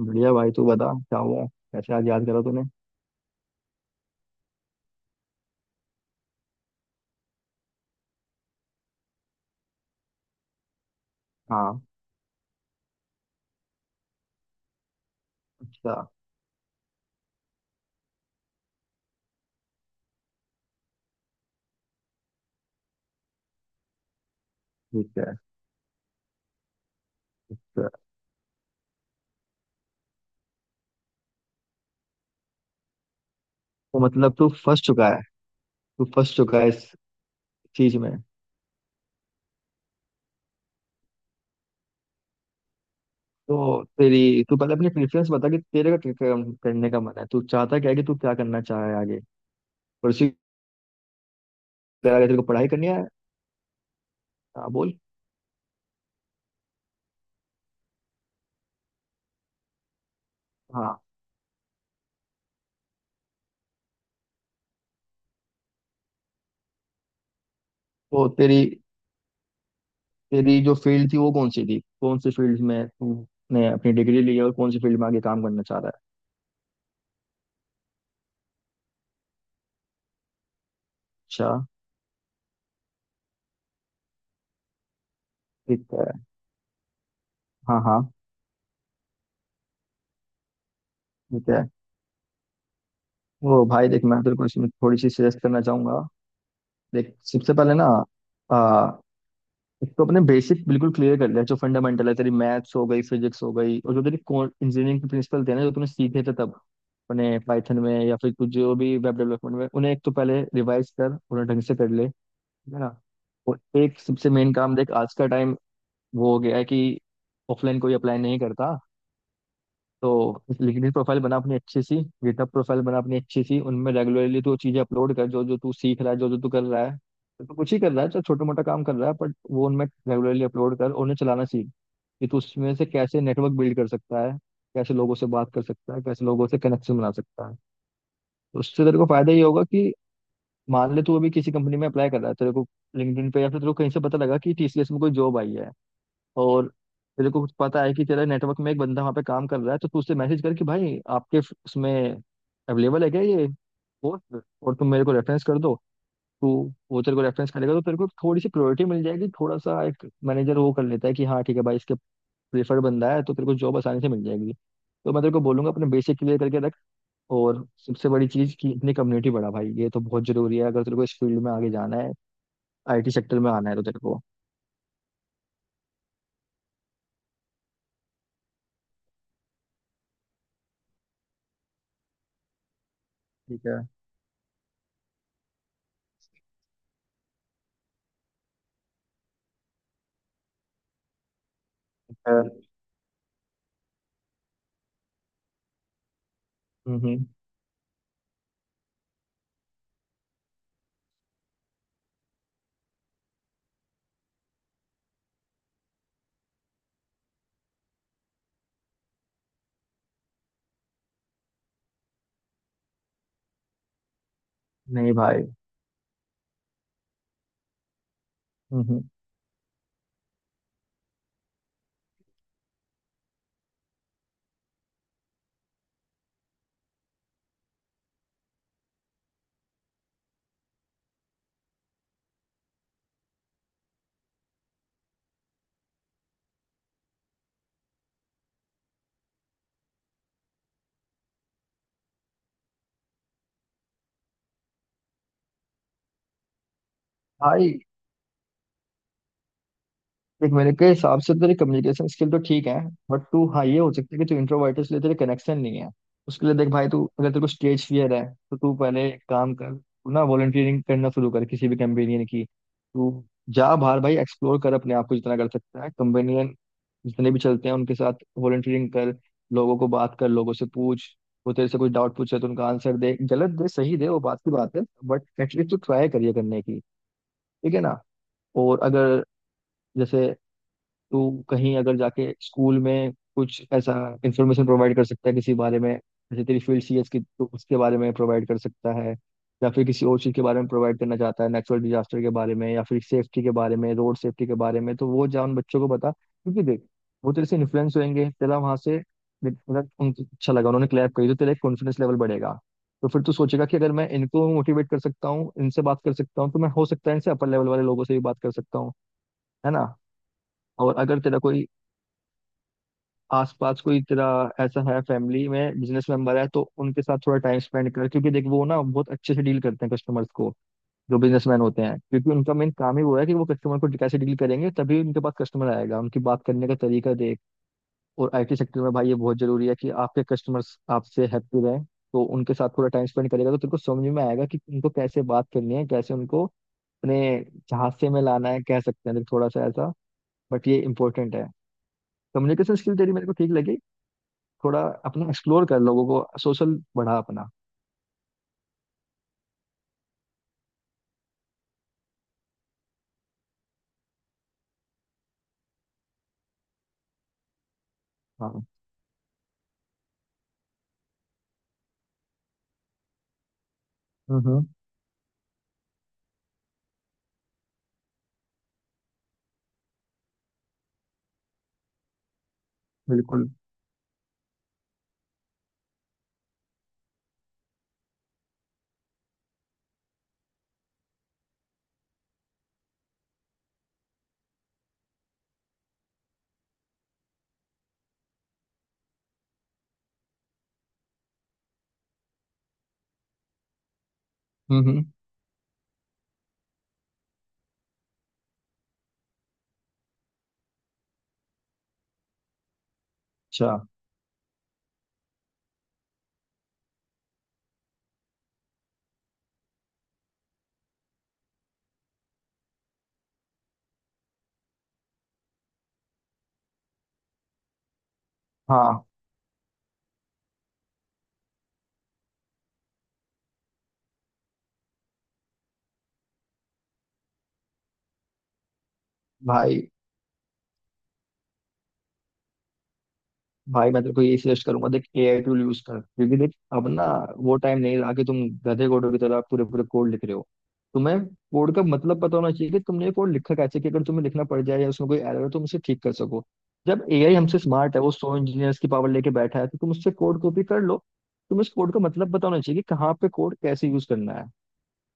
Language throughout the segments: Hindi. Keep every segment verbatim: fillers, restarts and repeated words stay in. बढ़िया भाई। तू बता क्या हुआ, कैसे आज याद करा तूने। हाँ। अच्छा। ठीक है। तो तो मतलब तू फंस चुका है तू फंस चुका है इस चीज में। तो तेरी तू पहले अपनी प्रेफरेंस बता कि तेरे का क्या काम- करने का मन है, तू चाहता क्या है, कि तू क्या करना चाह रहा है आगे। परसों। तेरे को पढ़ाई करनी है। हाँ बोल। हाँ। तो तेरी तेरी जो फील्ड थी वो कौन सी थी, कौन सी फील्ड में तूने अपनी डिग्री ली है और कौन सी फील्ड में आगे काम करना चाह रहा है। अच्छा। ठीक है। हाँ हाँ, ठीक है। ओ भाई देख, मैं तेरे को इसमें थोड़ी सी सजेस्ट करना चाहूंगा। देख सबसे पहले ना आ, एक तो अपने बेसिक बिल्कुल क्लियर कर लिया जो फंडामेंटल है, तेरी मैथ्स हो गई, फिजिक्स हो गई, और जो तेरी इंजीनियरिंग के प्रिंसिपल थे ना जो तूने सीखे थे तब, अपने पाइथन में या फिर कुछ जो भी वेब डेवलपमेंट में, उन्हें एक तो पहले रिवाइज कर, उन्हें ढंग से कर ले। है ना। और एक सबसे मेन काम देख, आज का टाइम वो हो गया है कि ऑफलाइन कोई अप्लाई नहीं करता, तो लिंक्डइन प्रोफाइल बना अपनी अच्छी सी, गिटहब प्रोफाइल बना अपनी अच्छी सी, उनमें रेगुलरली तू चीजें अपलोड कर, जो जो तू सीख रहा है, जो जो तू कर रहा है, तो तू कुछ ही कर रहा है, चाहे छोटा मोटा काम कर रहा है, बट वो उनमें रेगुलरली अपलोड कर, और उन्हें चलाना सीख कि तू उसमें से कैसे नेटवर्क बिल्ड कर सकता है, कैसे लोगों से बात कर सकता है, कैसे लोगों से कनेक्शन बना सकता है। तो उससे तेरे को फायदा ये होगा कि मान ले तू अभी किसी कंपनी में अप्लाई कर रहा है, तेरे को लिंक्डइन पे, या फिर तेरे को कहीं से पता लगा कि टीसीएस में कोई जॉब आई है, और तेरे को कुछ पता है कि तेरा नेटवर्क में एक बंदा वहाँ पे काम कर रहा है, तो तू उससे मैसेज कर कि भाई आपके फ- उसमें अवेलेबल है क्या ये पोस्ट, और तुम मेरे को रेफरेंस कर दो। तू, वो तेरे को रेफरेंस करेगा तो तेरे को थोड़ी सी प्रायोरिटी मिल जाएगी, थोड़ा सा एक मैनेजर वो कर लेता है कि हाँ ठीक है भाई, इसके प्रेफर्ड बंदा है, तो तेरे को जॉब आसानी से मिल जाएगी। तो मैं तेरे को बोलूंगा अपने बेसिक क्लियर करके रख, और सबसे बड़ी चीज़ कि अपनी कम्युनिटी बढ़ा भाई, ये तो बहुत जरूरी है। अगर तेरे को इस फील्ड में आगे जाना है, आईटी सेक्टर में आना है, तो तेरे को ठीक है खैर। हम्म हम्म, नहीं भाई। हम्म हम्म भाई देख, मेरे के हिसाब से तेरी कम्युनिकेशन स्किल तो ठीक है, बट तू हाँ, ये हो सकता है कि तू इंट्रोवर्ट है इसलिए तेरे कनेक्शन नहीं है। उसके लिए देख भाई, तू अगर तेरे को स्टेज फियर है तो तू पहले एक काम कर, तू ना वॉलंटियरिंग करना शुरू कर किसी भी कंपेनियन की। तू जा बाहर भाई, एक्सप्लोर कर अपने आप को जितना कर सकता है। कंपेनियन जितने भी चलते हैं उनके साथ वॉलंटियरिंग कर, लोगों को बात कर, लोगों से पूछ। वो तेरे से कुछ डाउट पूछे तो उनका आंसर दे, गलत दे सही दे, वो बात की बात है, बट एटलीस्ट तू ट्राई करिए करने की। ठीक है ना। और अगर जैसे तू कहीं अगर जाके स्कूल में कुछ ऐसा इंफॉर्मेशन प्रोवाइड कर सकता है किसी बारे में, जैसे तेरी फील्ड सीएस की, तो उसके बारे में प्रोवाइड कर सकता है, या फिर किसी और चीज़ के बारे में प्रोवाइड करना चाहता है, नेचुरल डिजास्टर के बारे में, या फिर सेफ्टी के बारे में, रोड सेफ्टी के बारे में, तो वो जा उन बच्चों को बता, क्योंकि देख वो तेरे से इन्फ्लुएंस होंगे, तेरा वहां से मतलब उनको अच्छा लगा, उन्होंने क्लैप करी, तो तेरा एक कॉन्फिडेंस लेवल बढ़ेगा। तो फिर तू सोचेगा कि अगर मैं इनको मोटिवेट कर सकता हूँ, इनसे बात कर सकता हूँ, तो मैं हो सकता है इनसे अपर लेवल वाले लोगों से भी बात कर सकता हूँ। है ना। और अगर तेरा कोई आसपास कोई तेरा ऐसा है, फैमिली में बिजनेस मेंबर है, तो उनके साथ थोड़ा टाइम स्पेंड कर, क्योंकि देख वो ना बहुत अच्छे से डील करते हैं कस्टमर्स को, जो बिजनेसमैन होते हैं, क्योंकि उनका मेन काम ही वो है कि वो कस्टमर को कैसे डील करेंगे तभी उनके पास कस्टमर आएगा, उनकी बात करने का तरीका देख। और आईटी सेक्टर में भाई ये बहुत जरूरी है कि आपके कस्टमर्स आपसे हैप्पी रहें। तो उनके साथ थोड़ा टाइम स्पेंड करेगा तो तेरे को समझ में आएगा कि उनको कैसे बात करनी है, कैसे उनको अपने झांसे में लाना है, कह सकते हैं देख थोड़ा सा ऐसा, बट ये इंपॉर्टेंट है। कम्युनिकेशन स्किल तेरी मेरे को ठीक लगी, थोड़ा अपना एक्सप्लोर कर, लोगों को सोशल बढ़ा अपना। हाँ। हम्म। बिल्कुल। हम्म। अच्छा। हाँ। भाई भाई मैं तेरे को यही सजेस्ट करूंगा, देख एआई टूल यूज कर, क्योंकि देख अब ना वो टाइम नहीं रहा कि तुम गधे कोडों की तरह पूरे पूरे कोड लिख रहे हो, तुम्हें कोड का मतलब पता होना चाहिए कि तुमने ये कोड लिखा कैसे, कि अगर तुम्हें लिखना पड़ जाए या उसमें कोई एरर हो तुम उसे ठीक कर सको। जब एआई हमसे स्मार्ट है, वो सौ इंजीनियर्स की पावर लेके बैठा है, तो तुम उससे कोड कॉपी कर लो, तुम्हें उस कोड का मतलब पता होना चाहिए कि कहाँ पे कोड कैसे यूज करना है।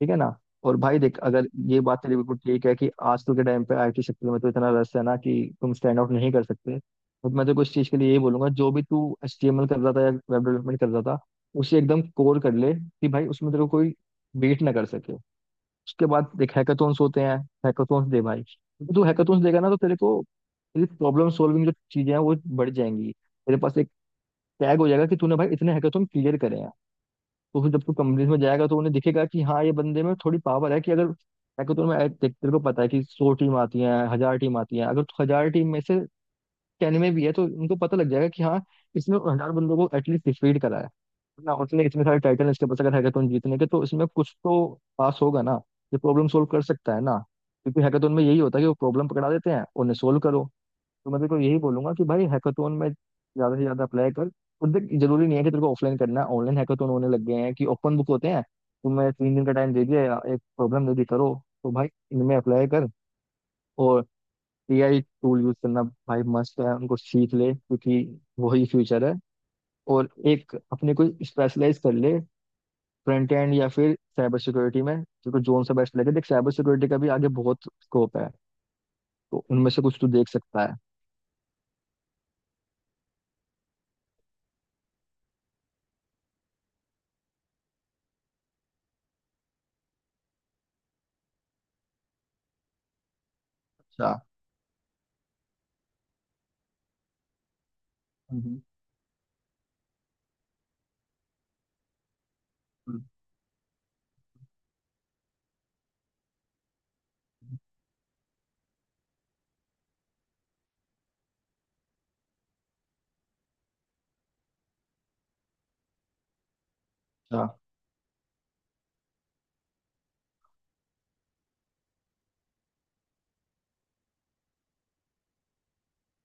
ठीक है ना। और भाई देख, अगर ये बात तेरी बिल्कुल ठीक है कि आजकल के टाइम पे आईटी सेक्टर में तो इतना रस है ना, कि तुम स्टैंड आउट नहीं कर सकते, बट मैं तो कुछ चीज के लिए ये बोलूंगा, जो भी तू एचटीएमएल कर रहा था या वेब डेवलपमेंट कर रहा था, उसे एकदम कोर कर ले कि भाई उसमें तेरे को कोई बीट ना कर सके। उसके बाद देख हैकाथॉन्स होते हैं, हैकाथॉन्स दे भाई, क्योंकि तू हैकाथॉन्स देगा ना, तो तेरे को तेरी प्रॉब्लम सॉल्विंग जो चीजें हैं वो बढ़ जाएंगी, तेरे पास एक टैग हो जाएगा कि तूने भाई इतने हैकाथॉन क्लियर करे हैं। तो फिर जब तू कंपनीज में जाएगा तो उन्हें दिखेगा कि हाँ ये बंदे में थोड़ी पावर है कि अगर हैकाथॉन में देख, तेरे को पता है कि सौ टीम आती हैं, हजार टीम आती हैं, अगर तो हजार टीम में से टेन में भी है तो उनको पता लग जाएगा कि हाँ, इसने हजार बंदों को एटलीस्ट डिफीट करा है ना, उसने इतने सारे टाइटल इसके पास अगर हैकाथॉन जीतने के, तो इसमें कुछ तो पास होगा ना, ये प्रॉब्लम सोल्व कर सकता है ना, क्योंकि हैकाथॉन में यही होता है कि वो प्रॉब्लम पकड़ा देते हैं, उन्हें सोल्व करो। तो मैं तेरे को यही बोलूंगा कि भाई हैकाथॉन में ज्यादा से ज्यादा अप्लाई कर। और देख जरूरी नहीं है कि तेरे को ऑफलाइन करना है, ऑनलाइन हैकाथॉन होने लग गए हैं कि ओपन बुक होते हैं, तुम्हें तीन दिन का टाइम दे दिया, एक प्रॉब्लम दे दी करो। तो भाई इनमें अप्लाई कर, और एआई टूल यूज करना भाई मस्त है, उनको सीख ले, क्योंकि वही फ्यूचर है। और एक अपने को स्पेशलाइज कर ले, फ्रंट एंड या फिर साइबर सिक्योरिटी में, तेरे जोन सा बेस्ट लगे। देख साइबर सिक्योरिटी का भी आगे बहुत स्कोप है, तो उनमें से कुछ तू देख सकता है। अच्छा। हम्म, हम्म,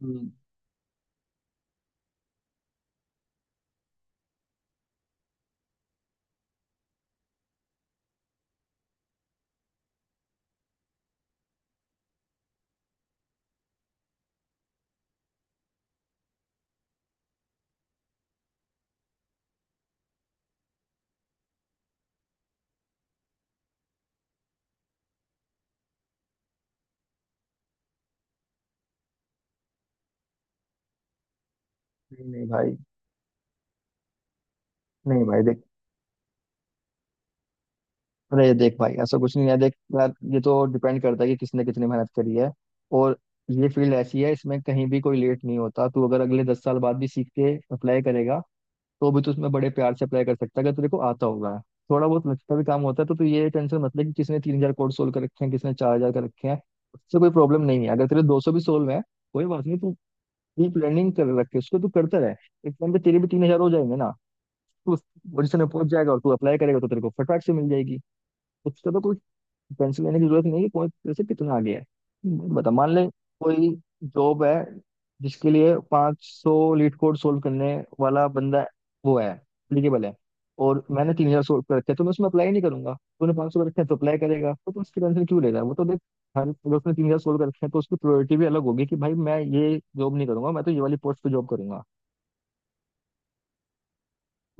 अच्छा। नहीं नहीं भाई। नहीं भाई देख, अरे देख भाई, ऐसा कुछ नहीं है, देख यार ये तो डिपेंड करता है कि किसने कितनी मेहनत करी है। और ये फील्ड ऐसी है, इसमें कहीं भी कोई लेट नहीं होता, तू अगर अगले दस साल बाद भी सीख के अप्लाई करेगा, तो भी तू उसमें बड़े प्यार से अप्लाई कर सकता है अगर तेरे को आता होगा थोड़ा बहुत, लगता भी काम होता है। तो तू ये टेंशन मत ले कि किसने तीन हजार कोड सोल्व कर रखे हैं, किसने चार हजार कर रखे हैं, उससे कोई प्रॉब्लम नहीं है। अगर तेरे दो सौ भी सोल्व है, कोई बात नहीं, तू डीप लर्निंग कर रखे उसको, तू करता रहे, एक टाइम पे तेरे भी तीन हजार हो जाएंगे ना। तू पोजीशन में पहुंच जाएगा, और तू अप्लाई करेगा तो तेरे को फटाक से मिल जाएगी। उसका तो कोई टेंशन लेने की जरूरत नहीं है, पॉइंट तेरे से कितना आगे है। बता मान ले, कोई जॉब है जिसके लिए पाँच सौ लीट कोड सोल्व करने वाला बंदा वो है, एलिजिबल है, और मैंने तीन हजार सोल्व कर रखे हैं, तो मैं उसमें अप्लाई नहीं करूंगा। तूने पाँच सौ कर रखे हैं तो अप्लाई करेगा, तो तू उसकी टेंशन क्यों ले रहा है, वो तो देख, हर अगर उसने तीन हजार सोल्व कर रखे हैं तो उसकी प्रायोरिटी भी अलग होगी कि भाई मैं ये जॉब नहीं करूंगा, मैं तो ये वाली पोस्ट पे जॉब करूंगा।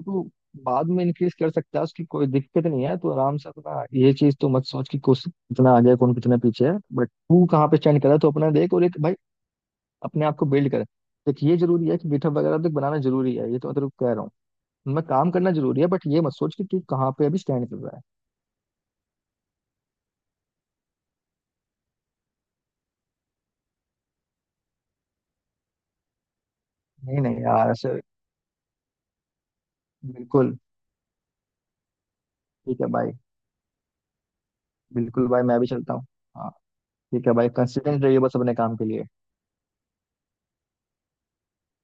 तो बाद में इंक्रीज कर सकता है, उसकी कोई दिक्कत नहीं है, तो आराम से अपना ये चीज तो मत सोच कि कोशिश कितना आगे है, कौन कितना पीछे है, बट तू कहाँ पे स्टैंड कर रहा है तो अपना देख। और एक भाई अपने आप को बिल्ड कर, देख ये जरूरी है कि गिटहब वगैरह तक बनाना जरूरी है, ये तो मैं तेरे को कह रहा हूँ, उनमें काम करना जरूरी है, बट ये मत सोच कि तू कहाँ पे अभी स्टैंड कर रहा है। नहीं नहीं यार ऐसे। बिल्कुल। ठीक है भाई। बिल्कुल भाई मैं भी चलता हूँ। हाँ। ठीक है भाई, कंसिस्टेंट रहिए बस अपने काम के लिए।